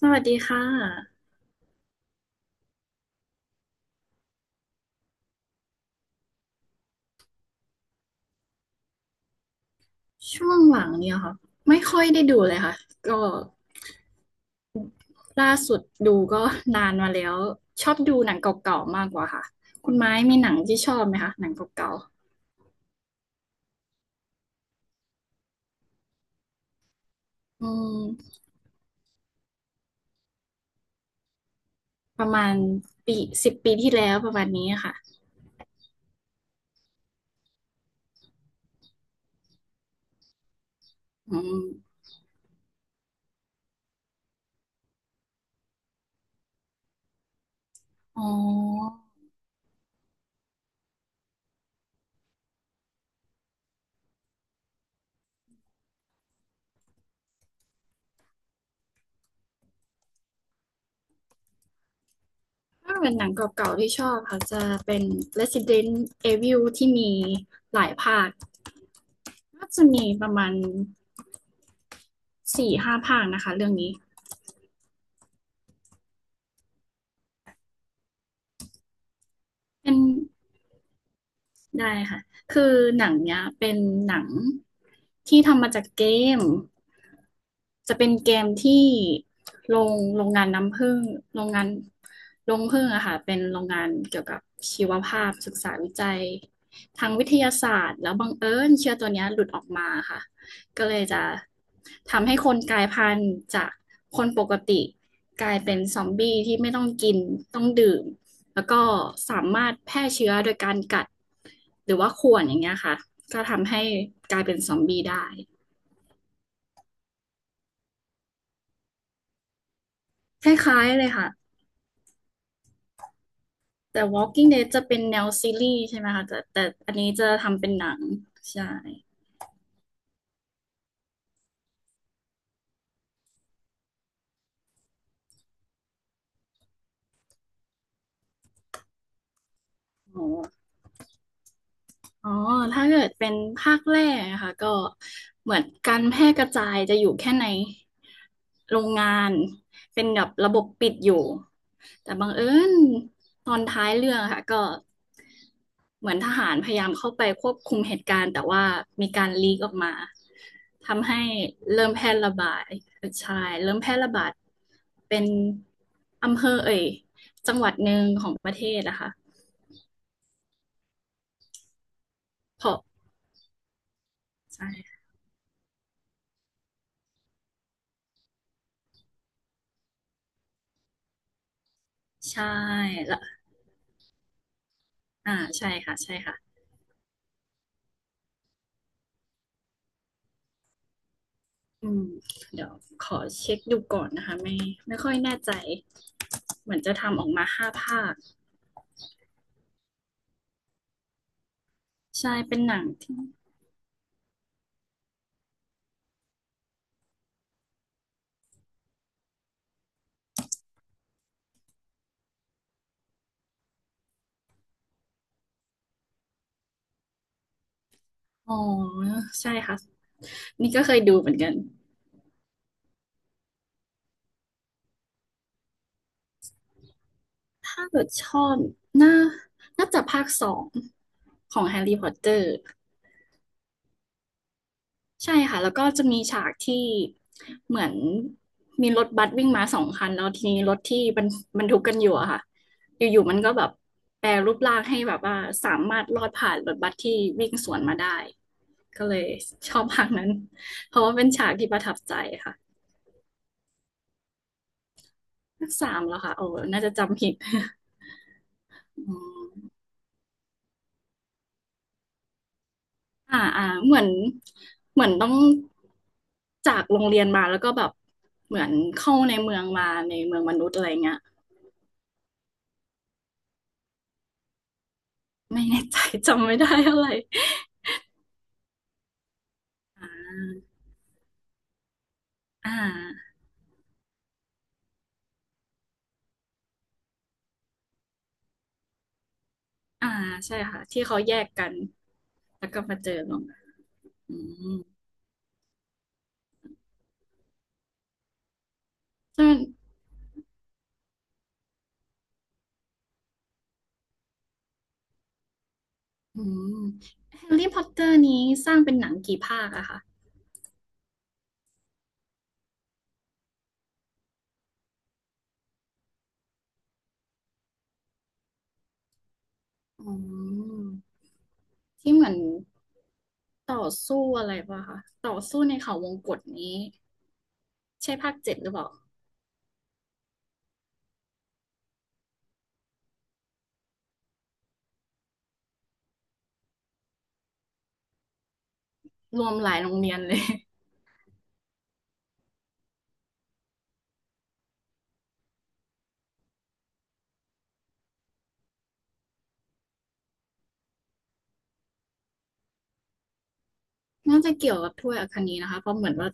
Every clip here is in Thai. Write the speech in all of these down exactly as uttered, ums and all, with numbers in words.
สวัสดีค่ะช่วงหลังเนี่ยค่ะไม่ค่อยได้ดูเลยค่ะก็ล่าสุดดูก็นานมาแล้วชอบดูหนังเก่าๆมากกว่าค่ะคุณไม้มีหนังที่ชอบไหมคะหนังเก่าๆอืมประมาณปีสิบปีที่แล้วประมาณนี้ค่ะอืมอ๋อถ้าเป็นหนังเก่าๆที่ชอบค่ะจะเป็น Resident Evil ที่มีหลายภาคน่าจะมีประมาณสี่ห้าภาคนะคะเรื่องนี้เป็น ได้ค่ะ คือหนังเนี้ยเป็นหนังที่ทำมาจากเกมจะเป็นเกมที่โรงโรงงานน้ำผึ้งโรงงานโรงผึ้งอะค่ะเป็นโรงงานเกี่ยวกับชีวภาพศึกษาวิจัยทางวิทยาศาสตร์ แล้วบังเอิญเชื้อตัวเนี้ยหลุดออกมาค่ะก็เลยจะทำให้คนกลายพันธุ์จากคนปกติกลายเป็นซอมบี้ที่ไม่ต้องกินต้องดื่ม แล้วก็สามารถแพร่เชื้อโดยการกัดหรือว่าข่วนอย่างเงี้ยค่ะก็ทำให้กลายเป็นซอมบี้ได้คล้ายๆเลยค่ะแต่ Walking Dead จะเป็นแนวซีรีส์ใช่ไหมคะแต่แต่อันนี้จะทำเป็นหนังใช่อ๋อ อ๋อถ้าเกิดเป็นภาคแรกอะค่ะก็เหมือนการแพร่กระจายจะอยู่แค่ในโรงงานเป็นแบบระบบปิดอยู่แต่บังเอิญตอนท้ายเรื่องอะค่ะก็เหมือนทหารพยายามเข้าไปควบคุมเหตุการณ์แต่ว่ามีการลีกออกมาทำให้เริ่มแพร่ระบาดเออใช่เริ่มแพร่ระบาดเป็นอำเภอเอ่ยจังหวัดหนึ่งของประเทศนะคะเพราะใช่ใช่แล้ว อ่าใช่ค่ะใช่ค่ะอืมเดี๋ยวขอเช็คดูก่อนนะคะไม่ไม่ค่อยแน่ใจเหมือนจะทำออกมาห้าภาคใช่เป็นหนังที่อ๋อใช่ค่ะนี่ก็เคยดูเหมือนกันถ้าเกิดชอบน่าน่าจะภาคสองของแฮร์รี่พอตเตอร์ ใช่ค่ะแล้วก็จะมีฉากที่เหมือนมีรถบัสวิ่งมาสองคันแล้วทีนี้รถที่บรรบรรทุกกันอยู่อะค่ะอยู่ๆมันก็แบบแปรรูปร่างให้แบบว่าสามารถลอดผ่านรถบัสที่วิ่งสวนมาได้ก็เลยชอบฉากนั้นเพราะว่าเป็นฉากที่ประทับใจค่ะภาคสามแล้วค่ะโอ้น่าจะจำผิด อืมอ่าอ่าเหมือนเหมือนต้องจากโรงเรียนมาแล้วก็แบบเหมือนเข้าในเมืองมาในเมืองมนุษย์อะไรเงี้ย ไม่แน่ใจ จำไม่ได้อะไรอ่า อ่า ใช่ค่ะที่เขาแยกกันแล้วก็มาเจอลงอืมจนอืมแฮร์รี่พอตเตอร์นี้สร้างเป็นหนังกี่ภาคอะคะอืมที่เหมือนต่อสู้อะไรป่ะคะต่อสู้ในเขาวงกตนี้ใช่ภาคเจ็ดหรือเปล่ารวมหลายโรงเรียนเลย น่าจะเกี่ยวกับถ้วยอัคนีนะคะเพราะเหมือนว่า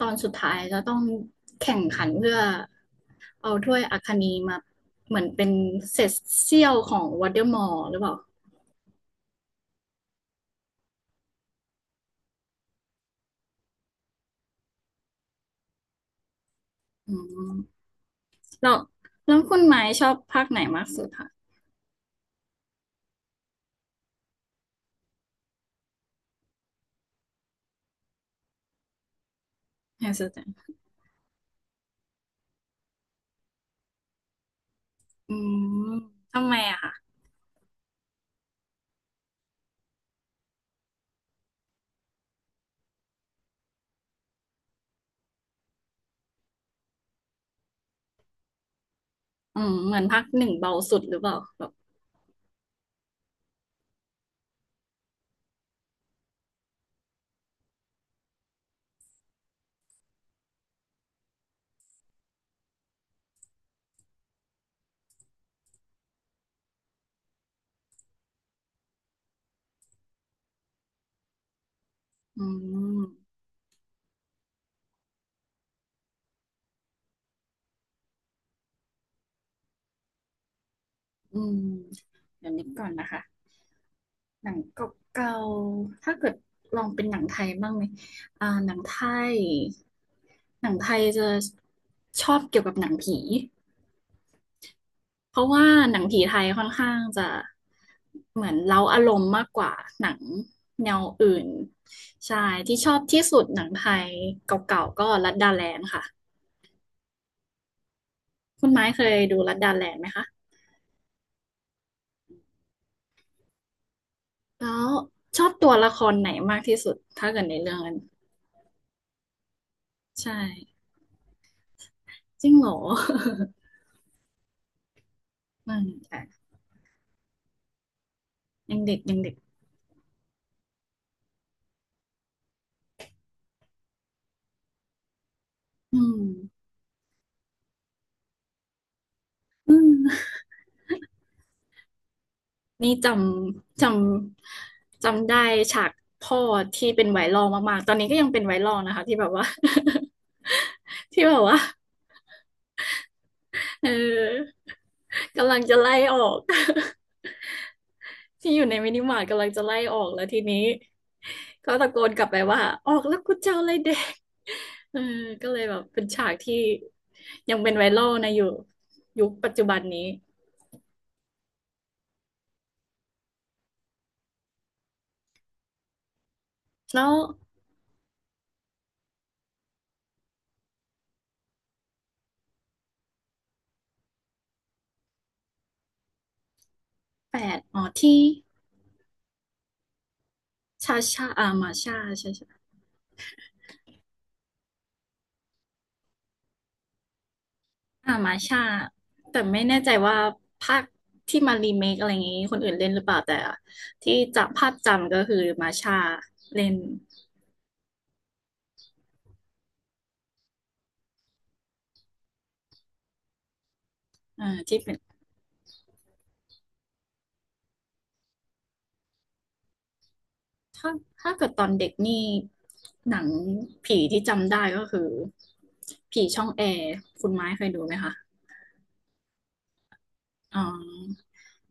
ตอนสุดท้ายจะต้องแข่งขันเพื่อเอาถ้วยอัคนีมาเหมือนเป็นเศษเสี้ยวของวอลเดอมอร์หรือเปล่าอืมแล้วแล้วคุณไม้ชอบภาคไหนมากสุดคะแฮร์รี่สอตเตอร์อืมทำไมอะคะอืมเหมือนภาคหนึ่งเบาสุดหรือเปล่าแบบอืมอืมเดี๋ยวนึกก่อนนะคะ หนังเก่าๆถ้าเกิดลองเป็นหนังไทยบ้างไหมอ่าหนังไทยหนังไทยจะชอบเกี่ยวกับหนังผีเพราะว่าหนังผีไทยค่อนข้างจะเหมือนเร้าอารมณ์มากกว่าหนังแนวอื่นใช่ที่ชอบที่สุดหนังไทยเก่าๆก็ลัดดาแลนด์ค่ะคุณไม้เคยดูลัดดาแลนด์ไหมคะแล้วชอบตัวละครไหนมากที่สุดถ้าเกิดในเรื่องนั้นใช่จริงเหรอ อืมอ่ะยังเด็กยังเด็ก อืมอืมนี่จำจำจำได้ฉากพ่อที่เป็นไวรัลมากๆตอนนี้ก็ยังเป็นไวรัลนะคะที่แบบว่า ที่แบบว่าเออกำลังจะไล่ออก ที่อยู่ในมินิมาร์ทกำลังจะไล่ออกแล้วทีนี้ก็ตะโกนกลับไปว่าออกแล้วกูจะเอาอะไรเด็กเออก็เลยแบบเป็นฉากที่ยังเป็นไวรัลนะอยู่ยุคปัจจุบันนี้แล้วแปดอ๋อที่ชาชาอามาชาชาชา อ่ามาชาแต่ไม่แน่ใจว่าภาคที่มารีเมคอะไรอย่างนี้คนอื่นเล่นหรือเปล่าแต่ที่จะภาพจำก็คือมาชาเล่นอ่าที่เป็นถ้าถ้าเกิดตอนเด็กนี่หนังผีที่จำได้ก็คือผีช่องแอร์คุณไม้เคยดูไหมคะ อ๋อ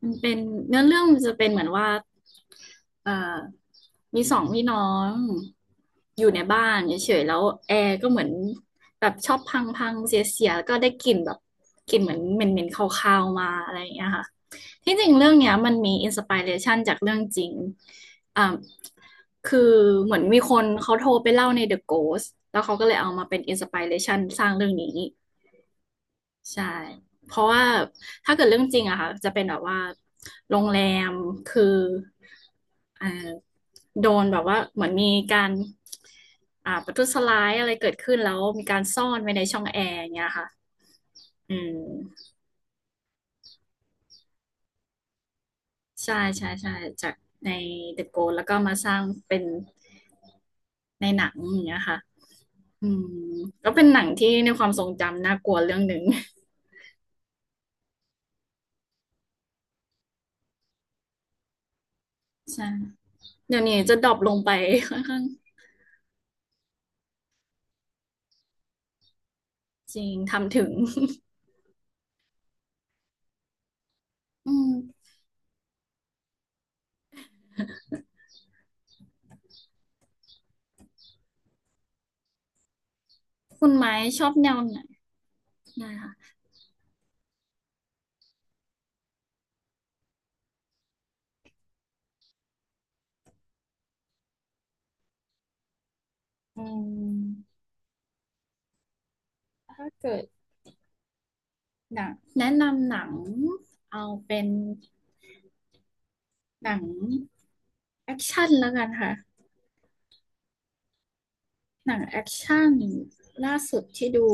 มันเป็นเนื้อเรื่องมันจะเป็นเหมือนว่าเอ่อมีสองพี่น้องอยู่ในบ้านเฉยๆ แล้วแอร์ก็เหมือนแบบชอบพังพังเสียเสียๆ แล้วก็ได้กลิ่นแบบกลิ่นเหมือนเหม็นเหม็นคาวๆมาอะไรอย่างเงี้ยค่ะที่จริงเรื่องเนี้ยมันมีอินสปิเรชันจากเรื่องจริงอ่าคือเหมือนมีคนเขาโทรไปเล่าใน The Ghost แล้วเขาก็เลยเอามาเป็นอินสปิเรชันสร้างเรื่องนี้ ใช่ เพราะว่าถ้าเกิดเรื่องจริงอะค่ะจะเป็นแบบว่าโรงแรมคืออ่าโดนแบบว่าเหมือนมีการอ่าประทุษร้ายอะไรเกิดขึ้นแล้วมีการซ่อนไว้ในช่องแอร์อย่างเงี้ยค่ะอืมใช่ใช่ใช่จากใน The Ghost แล้วก็มาสร้างเป็นในหนังอย่างเงี้ยค่ะอืมก็เป็นหนังที่ในความทรงจำน่ากลัวเรื่องหนึ่งใช่เดี๋ยวนี้จะดรอปลงไปค่อนข้างจริงทำถึงอืม คุณไม้ชอบแนวไหนนะคะอืมถ้าเกิดหนังแนะนำหนังเอาเป็นหนังแอคชั่นแล้วกันค่ะหนังแอคชั่นล่าสุดที่ดู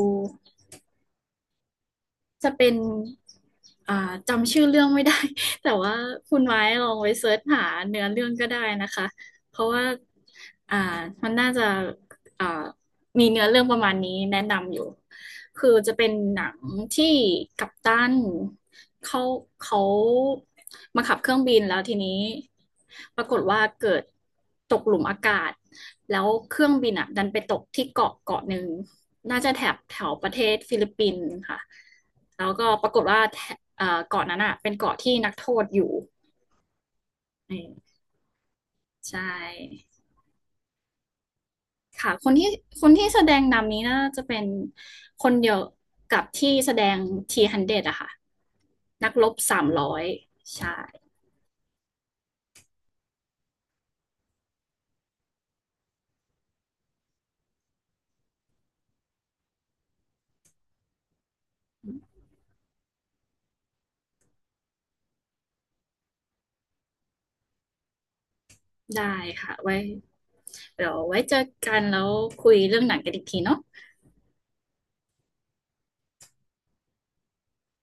จะเป็นอ่าจำชื่อเรื่องไม่ได้ แต่ว่าคุณไม้ลองไปเสิร์ชหาเนื้อเรื่องก็ได้นะคะเพราะว่าอ่ามันน่าจะอ่ามีเนื้อเรื่องประมาณนี้แนะนำอยู่ คือจะเป็นหนังที่กัปตันเขาเขามาขับเครื่องบินแล้วทีนี้ปรากฏว่าเกิดตกหลุมอากาศแล้วเครื่องบินอ่ะดันไปตกที่เกาะเกาะหนึ่งน่าจะแถบแถวประเทศฟิลิปปินส์ค่ะแล้วก็ปรากฏว่าแถเอ่อเกาะนั้นอ่ะเป็นเกาะที่นักโทษอยู่อืมใช่ ค่ะคนที่คนที่แสดงนำนี้น่าจะเป็นคนเดียวกับที่แสดงทีฮันเดอยอะค่ะนักรบสามร้อยใช่ได้ค่ะไว้เดี๋ยวไว้เจอกันแล้วคุยเรื่องหนังกันอีกทีเนาะ